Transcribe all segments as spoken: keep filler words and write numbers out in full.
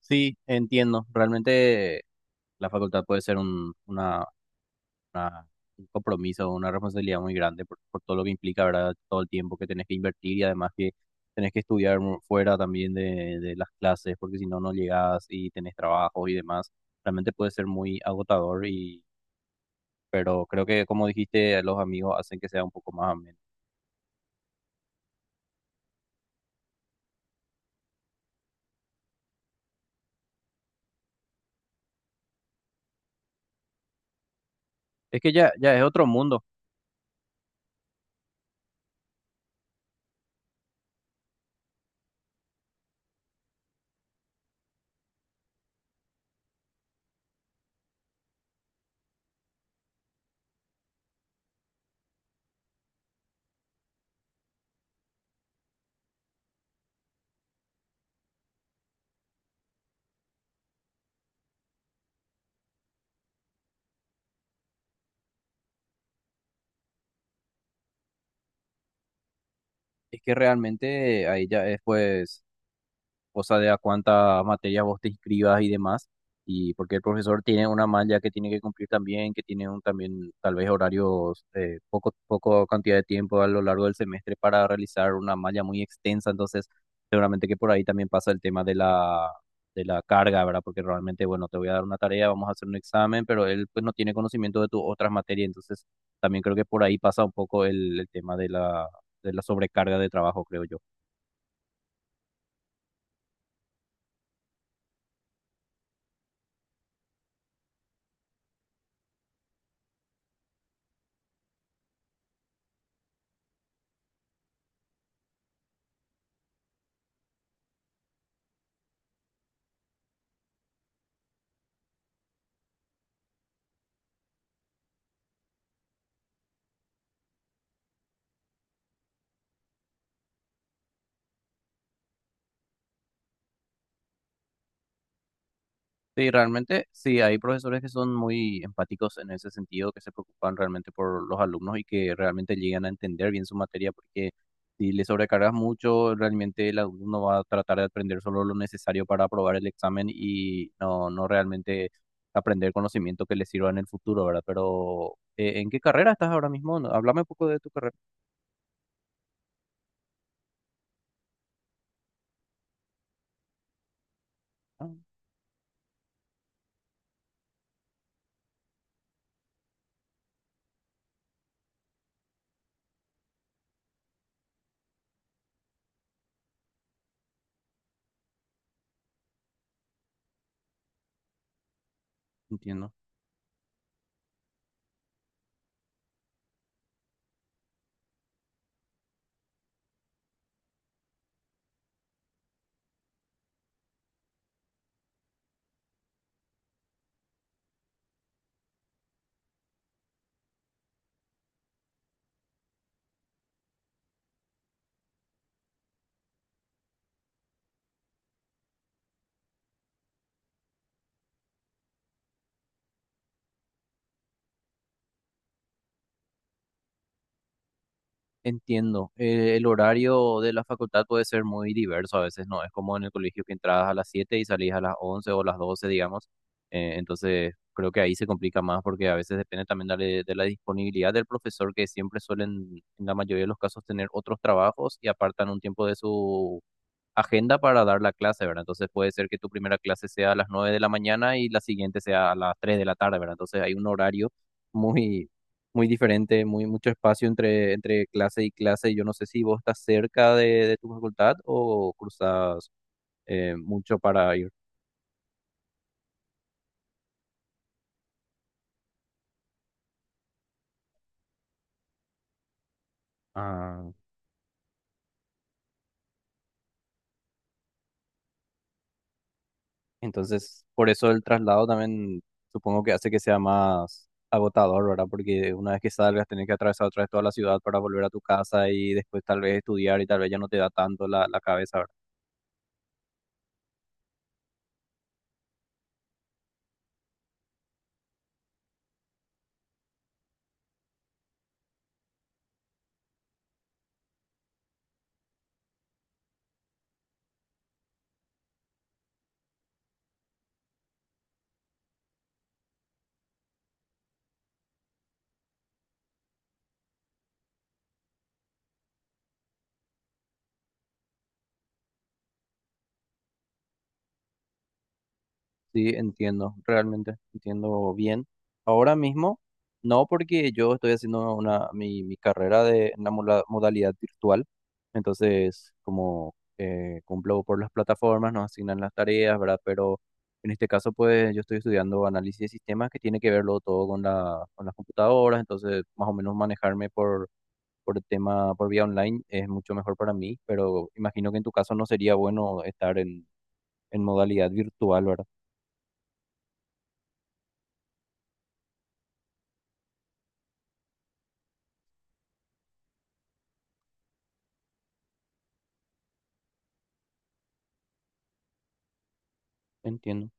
Sí, entiendo. Realmente la facultad puede ser un, una, una- un compromiso, una responsabilidad muy grande por, por todo lo que implica, ¿verdad? Todo el tiempo que tenés que invertir y además que tenés que estudiar mu- fuera también de, de las clases, porque si no, no llegás y tenés trabajo y demás. Realmente puede ser muy agotador y, pero creo que como dijiste, los amigos hacen que sea un poco más ameno. Es que ya, ya es otro mundo. Es que realmente ahí ya es pues cosa de a cuántas materias vos te inscribas y demás, y porque el profesor tiene una malla que tiene que cumplir también, que tiene un, también tal vez horarios, eh, poco, poco cantidad de tiempo a lo largo del semestre para realizar una malla muy extensa, entonces seguramente que por ahí también pasa el tema de la, de la carga, ¿verdad? Porque realmente, bueno, te voy a dar una tarea, vamos a hacer un examen, pero él pues no tiene conocimiento de tus otras materias, entonces también creo que por ahí pasa un poco el, el tema de la, de la sobrecarga de trabajo, creo yo. Sí, realmente sí, hay profesores que son muy empáticos en ese sentido, que se preocupan realmente por los alumnos y que realmente llegan a entender bien su materia, porque si le sobrecargas mucho, realmente el alumno va a tratar de aprender solo lo necesario para aprobar el examen y no, no realmente aprender conocimiento que le sirva en el futuro, ¿verdad? Pero, eh, ¿en qué carrera estás ahora mismo? No, háblame un poco de tu carrera. Ah, entiendo. Entiendo. Eh, el horario de la facultad puede ser muy diverso a veces, ¿no? Es como en el colegio que entrabas a las siete y salís a las once o las doce, digamos. Eh, entonces, creo que ahí se complica más porque a veces depende también de, la de la disponibilidad del profesor, que siempre suelen, en la mayoría de los casos, tener otros trabajos y apartan un tiempo de su agenda para dar la clase, ¿verdad? Entonces puede ser que tu primera clase sea a las nueve de la mañana y la siguiente sea a las tres de la tarde, ¿verdad? Entonces hay un horario muy, muy diferente, muy mucho espacio entre, entre clase y clase. Yo no sé si vos estás cerca de, de tu facultad o cruzas eh, mucho para ir. Entonces, por eso el traslado también supongo que hace que sea más agotador, ¿verdad? Porque una vez que salgas, tenés que atravesar otra vez toda la ciudad para volver a tu casa y después tal vez estudiar y tal vez ya no te da tanto la, la cabeza, ¿verdad? Sí, entiendo, realmente entiendo bien. Ahora mismo, no, porque yo estoy haciendo una, mi, mi carrera de en la modalidad virtual, entonces como eh, cumplo por las plataformas, nos asignan las tareas, ¿verdad? Pero en este caso, pues yo estoy estudiando análisis de sistemas, que tiene que verlo todo con la, con las computadoras, entonces más o menos manejarme por, por el tema, por vía online es mucho mejor para mí, pero imagino que en tu caso no sería bueno estar en, en modalidad virtual, ¿verdad? Entiendo.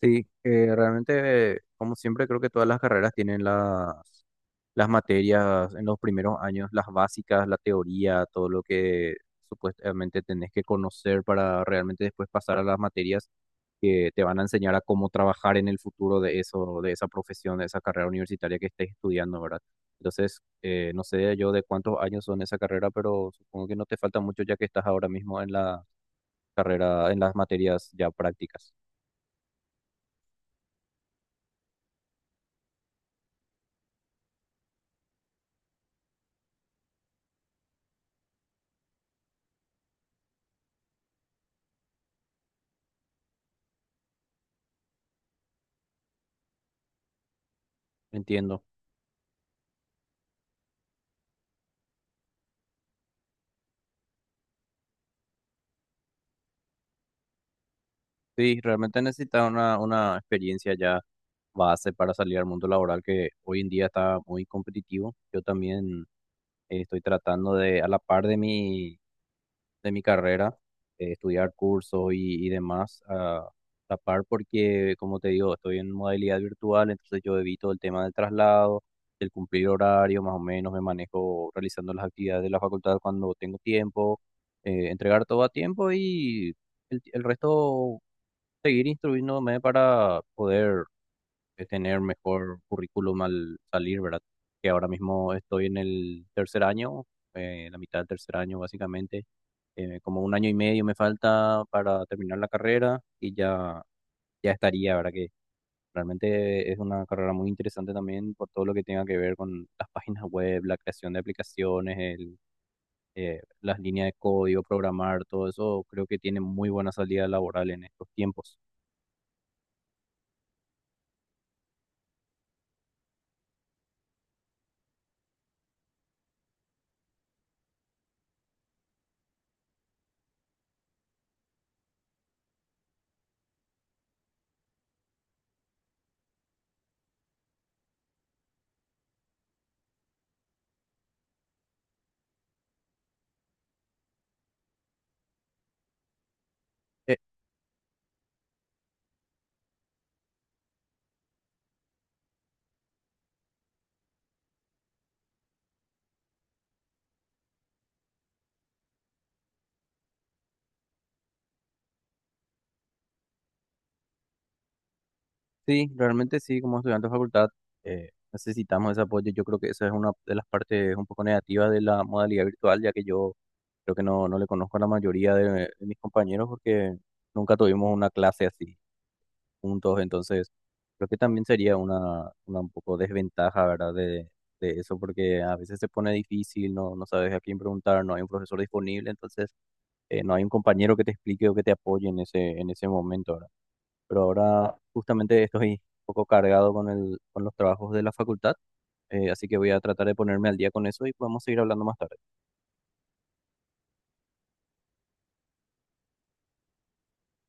Sí, eh, realmente, como siempre, creo que todas las carreras tienen las, las materias en los primeros años, las básicas, la teoría, todo lo que supuestamente tenés que conocer para realmente después pasar a las materias que te van a enseñar a cómo trabajar en el futuro de eso, de esa profesión, de esa carrera universitaria que estés estudiando, ¿verdad? Entonces, eh, no sé yo de cuántos años son esa carrera, pero supongo que no te falta mucho ya que estás ahora mismo en la carrera, en las materias ya prácticas. Entiendo. Sí, realmente necesitas una, una experiencia ya base para salir al mundo laboral, que hoy en día está muy competitivo. Yo también eh, estoy tratando de, a la par de mi, de mi carrera, eh, estudiar cursos y, y demás, a la par porque, como te digo, estoy en modalidad virtual, entonces yo evito el tema del traslado, del cumplir horario, más o menos me manejo realizando las actividades de la facultad cuando tengo tiempo, eh, entregar todo a tiempo y el el resto seguir instruyéndome para poder eh, tener mejor currículum al salir, ¿verdad? Que ahora mismo estoy en el tercer año, eh, la mitad del tercer año básicamente, eh, como un año y medio me falta para terminar la carrera y ya, ya estaría, ¿verdad? Que realmente es una carrera muy interesante también por todo lo que tenga que ver con las páginas web, la creación de aplicaciones, el... eh, las líneas de código, programar, todo eso creo que tiene muy buena salida laboral en estos tiempos. Sí, realmente sí, como estudiante de facultad, eh, necesitamos ese apoyo. Yo creo que esa es una de las partes un poco negativas de la modalidad virtual, ya que yo creo que no, no le conozco a la mayoría de, de mis compañeros porque nunca tuvimos una clase así juntos. Entonces, creo que también sería una, una un poco desventaja, ¿verdad? De, de eso, porque a veces se pone difícil, no, no sabes a quién preguntar, no hay un profesor disponible, entonces eh, no hay un compañero que te explique o que te apoye en ese, en ese momento, ¿verdad? Pero ahora justamente estoy un poco cargado con el, con los trabajos de la facultad, eh, así que voy a tratar de ponerme al día con eso y podemos seguir hablando más tarde.